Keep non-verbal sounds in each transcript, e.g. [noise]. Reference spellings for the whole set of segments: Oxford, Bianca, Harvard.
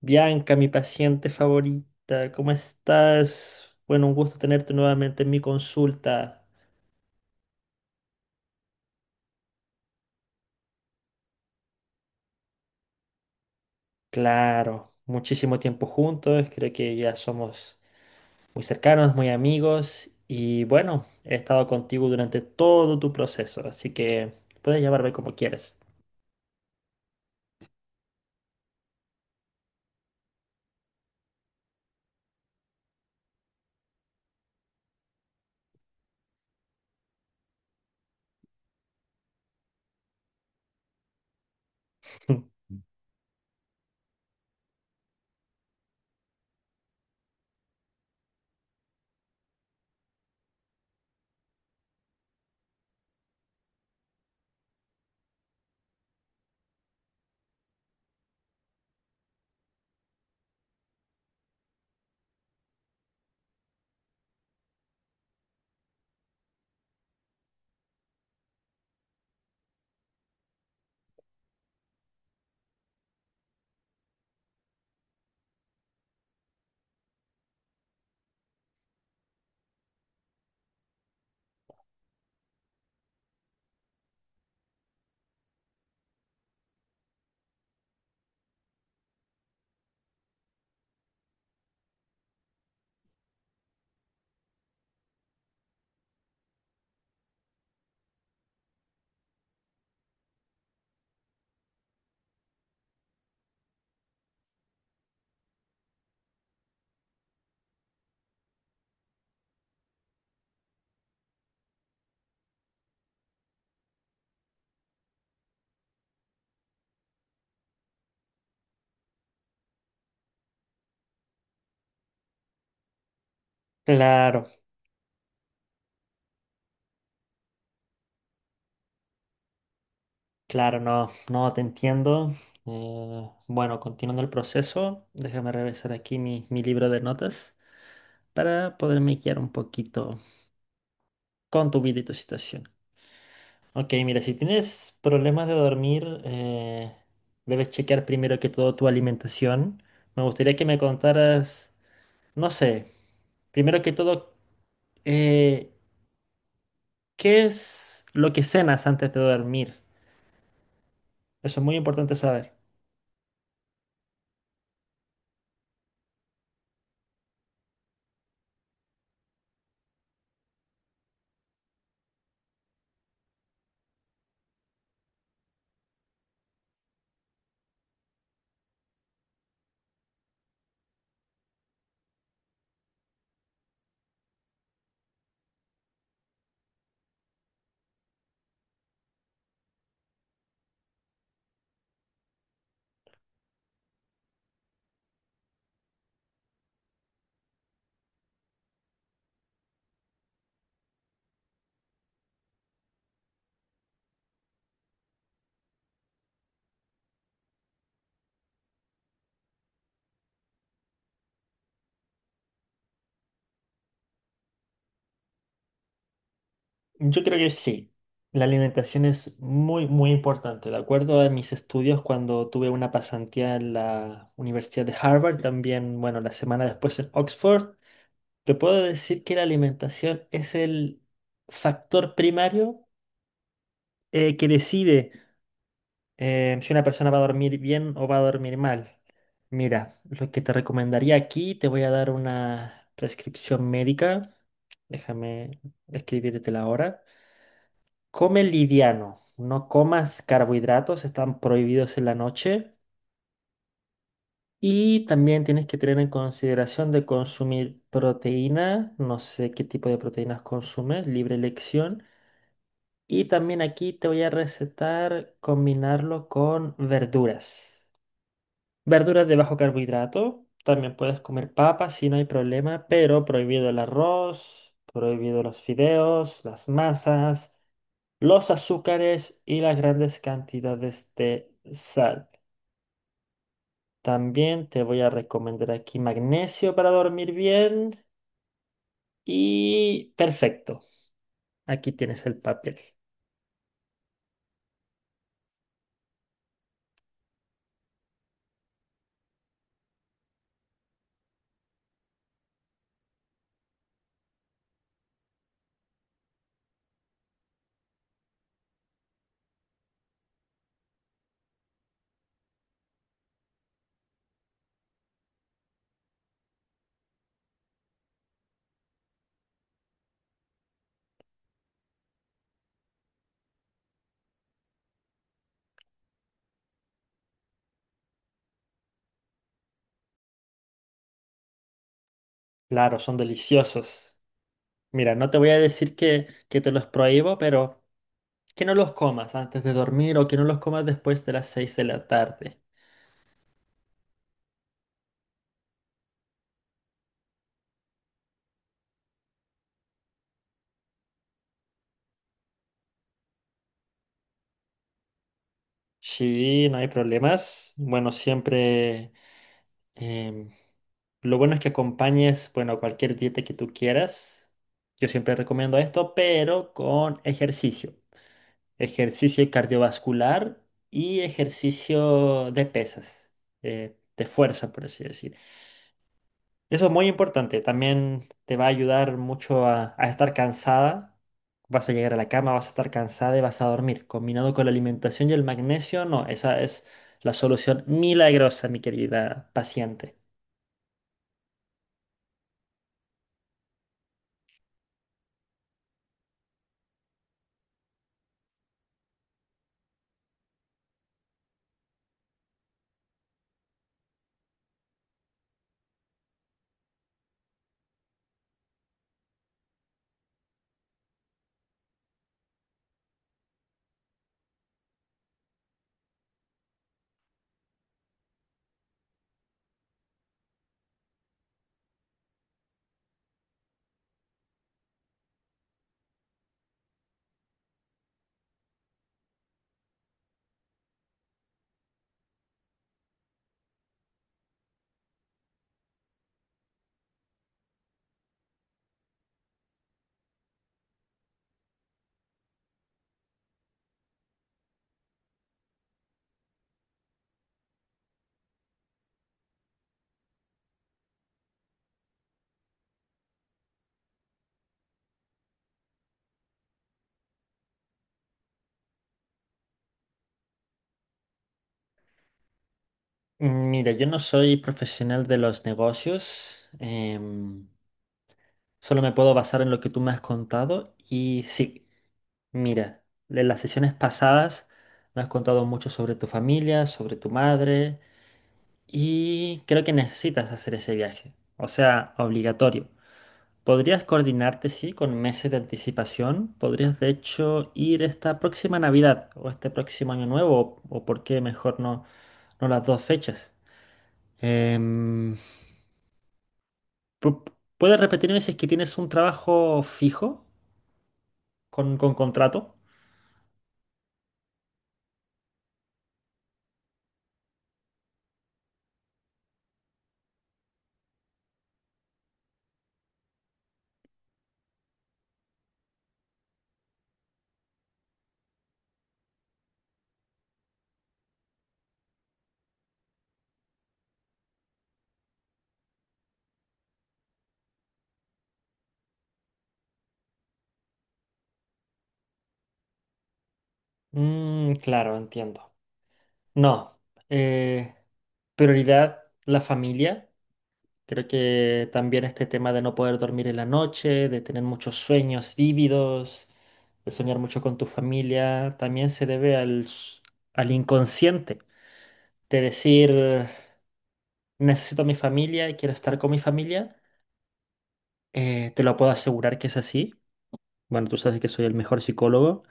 Bianca, mi paciente favorita, ¿cómo estás? Bueno, un gusto tenerte nuevamente en mi consulta. Claro, muchísimo tiempo juntos, creo que ya somos muy cercanos, muy amigos y bueno, he estado contigo durante todo tu proceso, así que puedes llamarme como quieres. [laughs] Claro, claro, no, no te entiendo. Bueno, continuando el proceso, déjame revisar aquí mi libro de notas para poderme guiar un poquito con tu vida y tu situación. Ok, mira, si tienes problemas de dormir, debes chequear primero que todo tu alimentación. Me gustaría que me contaras, no sé, primero que todo, eh, ¿qué es lo que cenas antes de dormir? Eso es muy importante saber. Yo creo que sí. La alimentación es muy, muy importante. De acuerdo a mis estudios, cuando tuve una pasantía en la Universidad de Harvard, también, bueno, la semana después en Oxford, te puedo decir que la alimentación es el factor primario que decide si una persona va a dormir bien o va a dormir mal. Mira, lo que te recomendaría aquí, te voy a dar una prescripción médica. Déjame escribirte la hora. Come liviano, no comas carbohidratos, están prohibidos en la noche. Y también tienes que tener en consideración de consumir proteína. No sé qué tipo de proteínas consumes, libre elección. Y también aquí te voy a recetar combinarlo con verduras. Verduras de bajo carbohidrato. También puedes comer papas si no hay problema, pero prohibido el arroz, prohibido los fideos, las masas, los azúcares y las grandes cantidades de sal. También te voy a recomendar aquí magnesio para dormir bien y perfecto. Aquí tienes el papel. Claro, son deliciosos. Mira, no te voy a decir que te los prohíbo, pero que no los comas antes de dormir o que no los comas después de las 6 de la tarde. Sí, no hay problemas. Bueno, siempre em, lo bueno es que acompañes, bueno, cualquier dieta que tú quieras. Yo siempre recomiendo esto, pero con ejercicio. Ejercicio cardiovascular y ejercicio de pesas, de fuerza, por así decir. Eso es muy importante. También te va a ayudar mucho a estar cansada. Vas a llegar a la cama, vas a estar cansada y vas a dormir. Combinado con la alimentación y el magnesio, no, esa es la solución milagrosa, mi querida paciente. Mira, yo no soy profesional de los negocios. Solo me puedo basar en lo que tú me has contado. Y sí, mira, en las sesiones pasadas me has contado mucho sobre tu familia, sobre tu madre. Y creo que necesitas hacer ese viaje, o sea, obligatorio. Podrías coordinarte, sí, con meses de anticipación. Podrías, de hecho, ir esta próxima Navidad o este próximo Año Nuevo, o por qué mejor no, no las dos fechas. Em, pu- ¿Puedes repetirme si es que tienes un trabajo fijo con contrato? Mm, claro, entiendo. No, eh, prioridad la familia. Creo que también este tema de no poder dormir en la noche, de tener muchos sueños vívidos, de soñar mucho con tu familia, también se debe al inconsciente. De decir, necesito a mi familia y quiero estar con mi familia. Te lo puedo asegurar que es así. Bueno, tú sabes que soy el mejor psicólogo.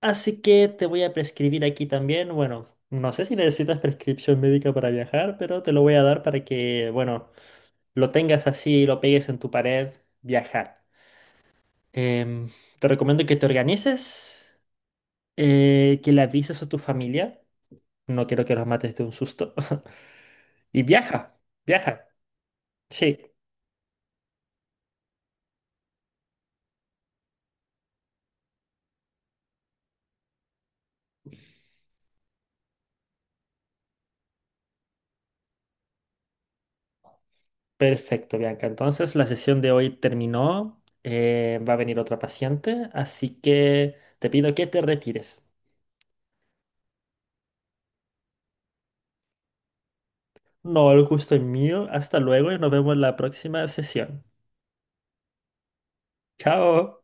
Así que te voy a prescribir aquí también. Bueno, no sé si necesitas prescripción médica para viajar, pero te lo voy a dar para que, bueno, lo tengas así y lo pegues en tu pared, viajar. Em, Te recomiendo que te organices, que le avises a tu familia. No quiero que los mates de un susto. [laughs] Y viaja, viaja. Sí, perfecto, Bianca. Entonces, la sesión de hoy terminó. Va a venir otra paciente, así que te pido que te retires. No, el gusto es mío. Hasta luego y nos vemos en la próxima sesión. Chao.